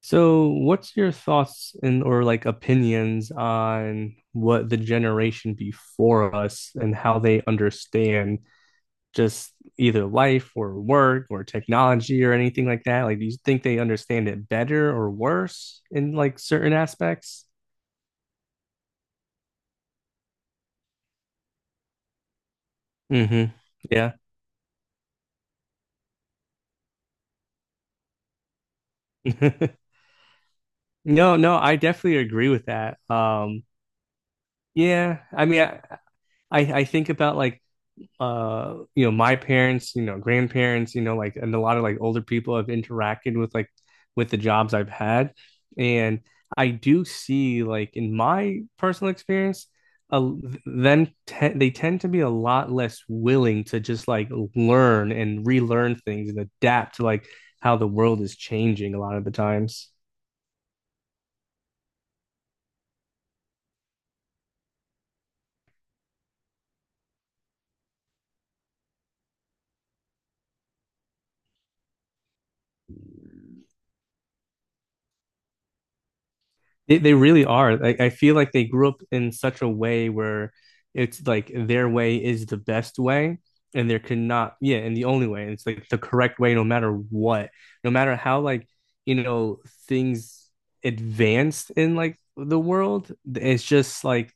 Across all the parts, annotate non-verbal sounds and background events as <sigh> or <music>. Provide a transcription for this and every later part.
So, what's your thoughts and or like opinions on what the generation before us and how they understand just either life or work or technology or anything like that? Like, do you think they understand it better or worse in like certain aspects? Hmm. Yeah. <laughs> No, no, I definitely agree with that. Yeah, I mean, I think about like you know my parents, you know, grandparents, you know, like, and a lot of like older people have interacted with, like, with the jobs I've had, and I do see like in my personal experience, uh, they tend to be a lot less willing to just like learn and relearn things and adapt to like how the world is changing a lot of the times. They really are. Like, I feel like they grew up in such a way where it's like their way is the best way, and there could not, yeah, and the only way. And it's like the correct way, no matter what, no matter how, like, you know, things advanced in like the world. It's just like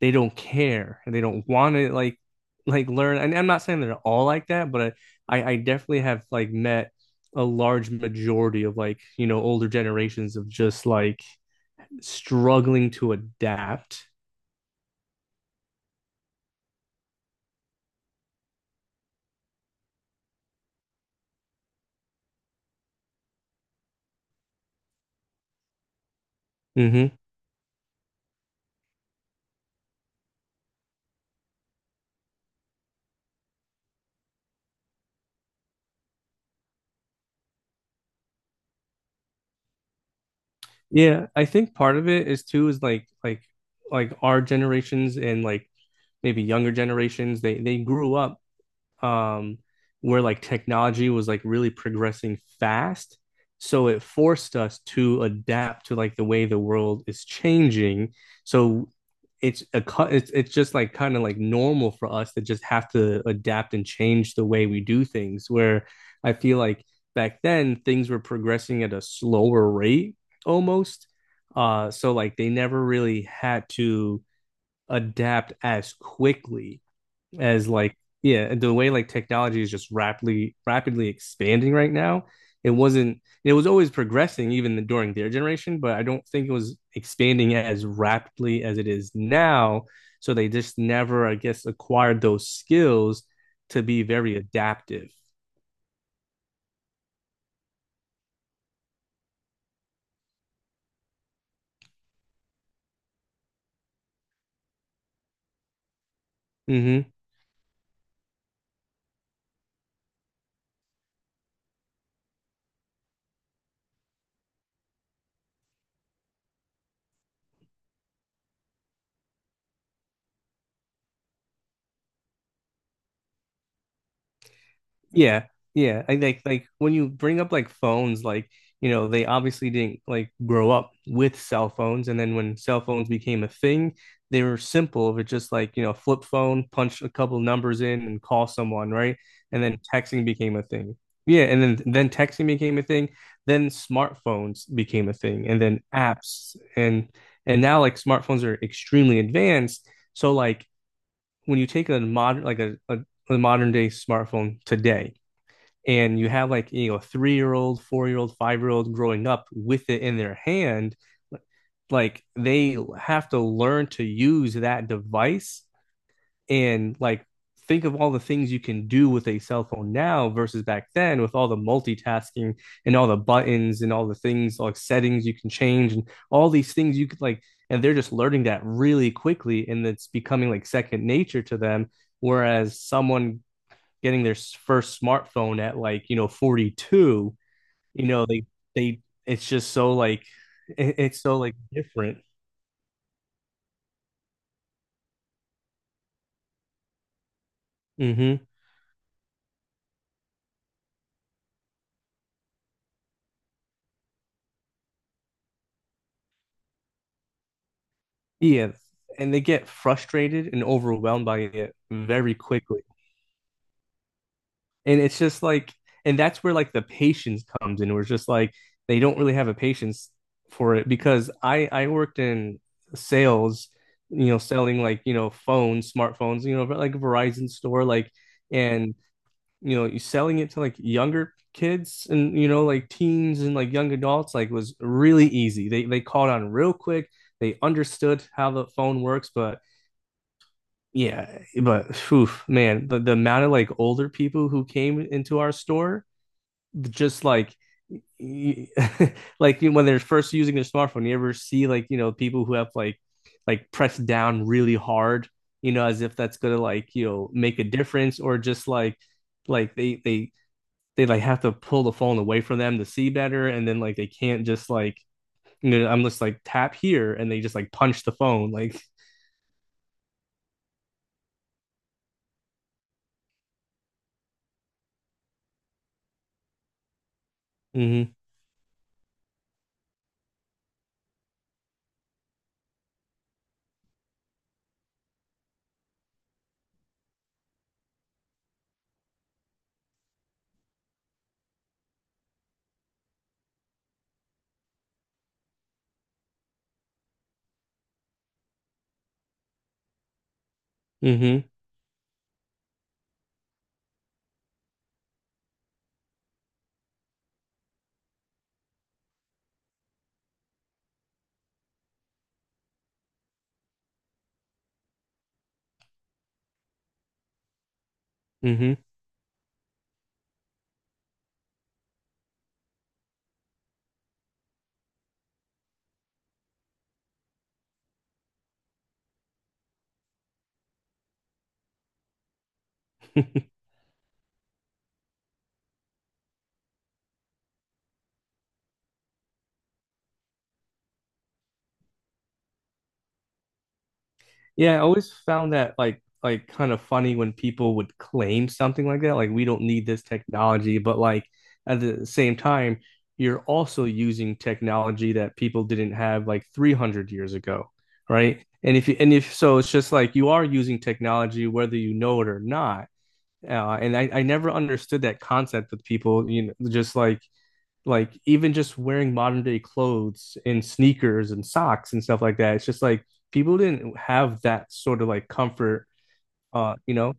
they don't care and they don't want to like learn. And I'm not saying they're all like that, but I definitely have like met a large majority of like, you know, older generations of just like struggling to adapt. Mm-hmm. Yeah, I think part of it is too is like our generations and like maybe younger generations, they grew up, um, where like technology was like really progressing fast. So it forced us to adapt to like the way the world is changing. So it's a cu- it's just like kind of like normal for us to just have to adapt and change the way we do things. Where I feel like back then things were progressing at a slower rate almost. So like they never really had to adapt as quickly as like, yeah, the way like technology is just rapidly expanding right now. It wasn't, it was always progressing even during their generation, but I don't think it was expanding as rapidly as it is now, so they just never, I guess, acquired those skills to be very adaptive. Hmm. Yeah, yeah. I like when you bring up like phones, like, you know, they obviously didn't like grow up with cell phones, and then when cell phones became a thing, they were simple. It was just like, you know, flip phone, punch a couple numbers in, and call someone, right? And then texting became a thing. Yeah, and then texting became a thing. Then smartphones became a thing, and then apps, and now like smartphones are extremely advanced. So like when you take a modern like a modern day smartphone today, and you have like, you know, 3 year old 4 year old 5 year old growing up with it in their hand, like they have to learn to use that device, and like think of all the things you can do with a cell phone now versus back then, with all the multitasking and all the buttons and all the things like settings you can change and all these things you could like, and they're just learning that really quickly and it's becoming like second nature to them, whereas someone getting their first smartphone at, like, you know, 42, you know, they it's just so like it's so like different. Hmm. Yeah. And they get frustrated and overwhelmed by it very quickly. And it's just like and that's where like the patience comes in. Where it's just like they don't really have a patience for it, because I worked in sales, you know, selling like, you know, phones, smartphones, you know, like Verizon store, like, and you know, selling it to like younger kids, and you know, like teens and like young adults, like, was really easy. They caught on real quick. They understood how the phone works, but yeah, but oof, man, the amount of like older people who came into our store, just like <laughs> like when they're first using their smartphone, you ever see like, you know, people who have like pressed down really hard, you know, as if that's gonna like, you know, make a difference, or just like like they they like have to pull the phone away from them to see better, and then like they can't just like, you know, I'm just like tap here, and they just like punch the phone like. <laughs> Mm-hmm. Mm-hmm. Mm-hmm. <laughs> Yeah, I always found that like kind of funny when people would claim something like that, like we don't need this technology, but like at the same time you're also using technology that people didn't have like 300 years ago, right? And if you, and if, so it's just like you are using technology whether you know it or not. And I never understood that concept with people, you know, just like even just wearing modern day clothes and sneakers and socks and stuff like that. It's just like people didn't have that sort of like comfort, you know,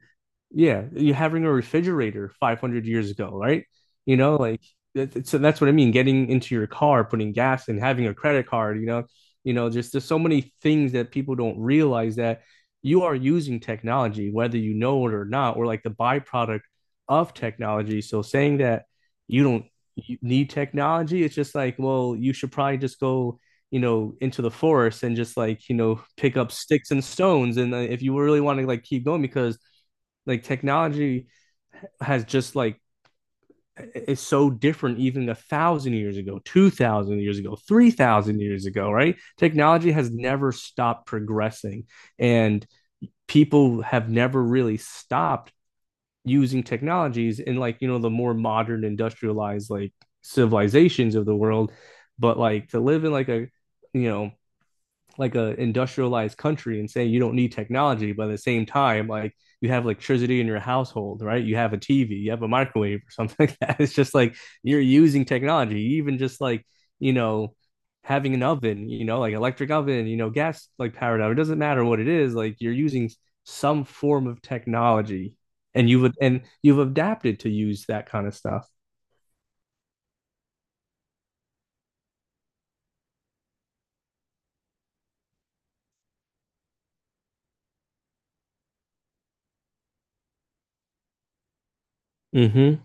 yeah, you having a refrigerator 500 years ago, right? You know, like that- so that's what I mean. Getting into your car, putting gas in, having a credit card, you know, just there's so many things that people don't realize that you are using technology, whether you know it or not, or like the byproduct of technology. So saying that you don't you need technology, it's just like, well, you should probably just go, you know, into the forest and just like, you know, pick up sticks and stones. And if you really want to like keep going, because like technology has just like is so different even 1,000 years ago, 2,000 years ago, 3,000 years ago, right? Technology has never stopped progressing, and people have never really stopped using technologies in like, you know, the more modern industrialized like civilizations of the world. But like, to live in like a, you know, like a industrialized country and saying you don't need technology, but at the same time, like, you have electricity in your household, right? You have a TV, you have a microwave, or <laughs> something like that. It's just like you're using technology, even just like, you know, having an oven, you know, like electric oven, you know, gas like powered oven. It doesn't matter what it is, like you're using some form of technology, and you would, and you've adapted to use that kind of stuff. Mm-hmm.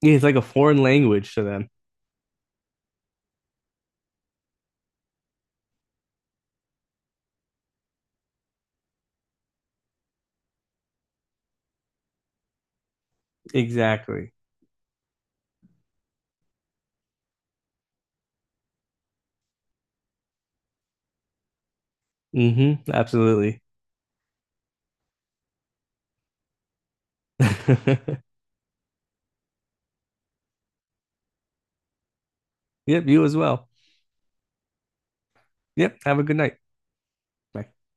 Yeah, it's like a foreign language to them. Exactly. Mm-hmm. Absolutely. <laughs> Yep, you as well. Yep, have a good night. Bye.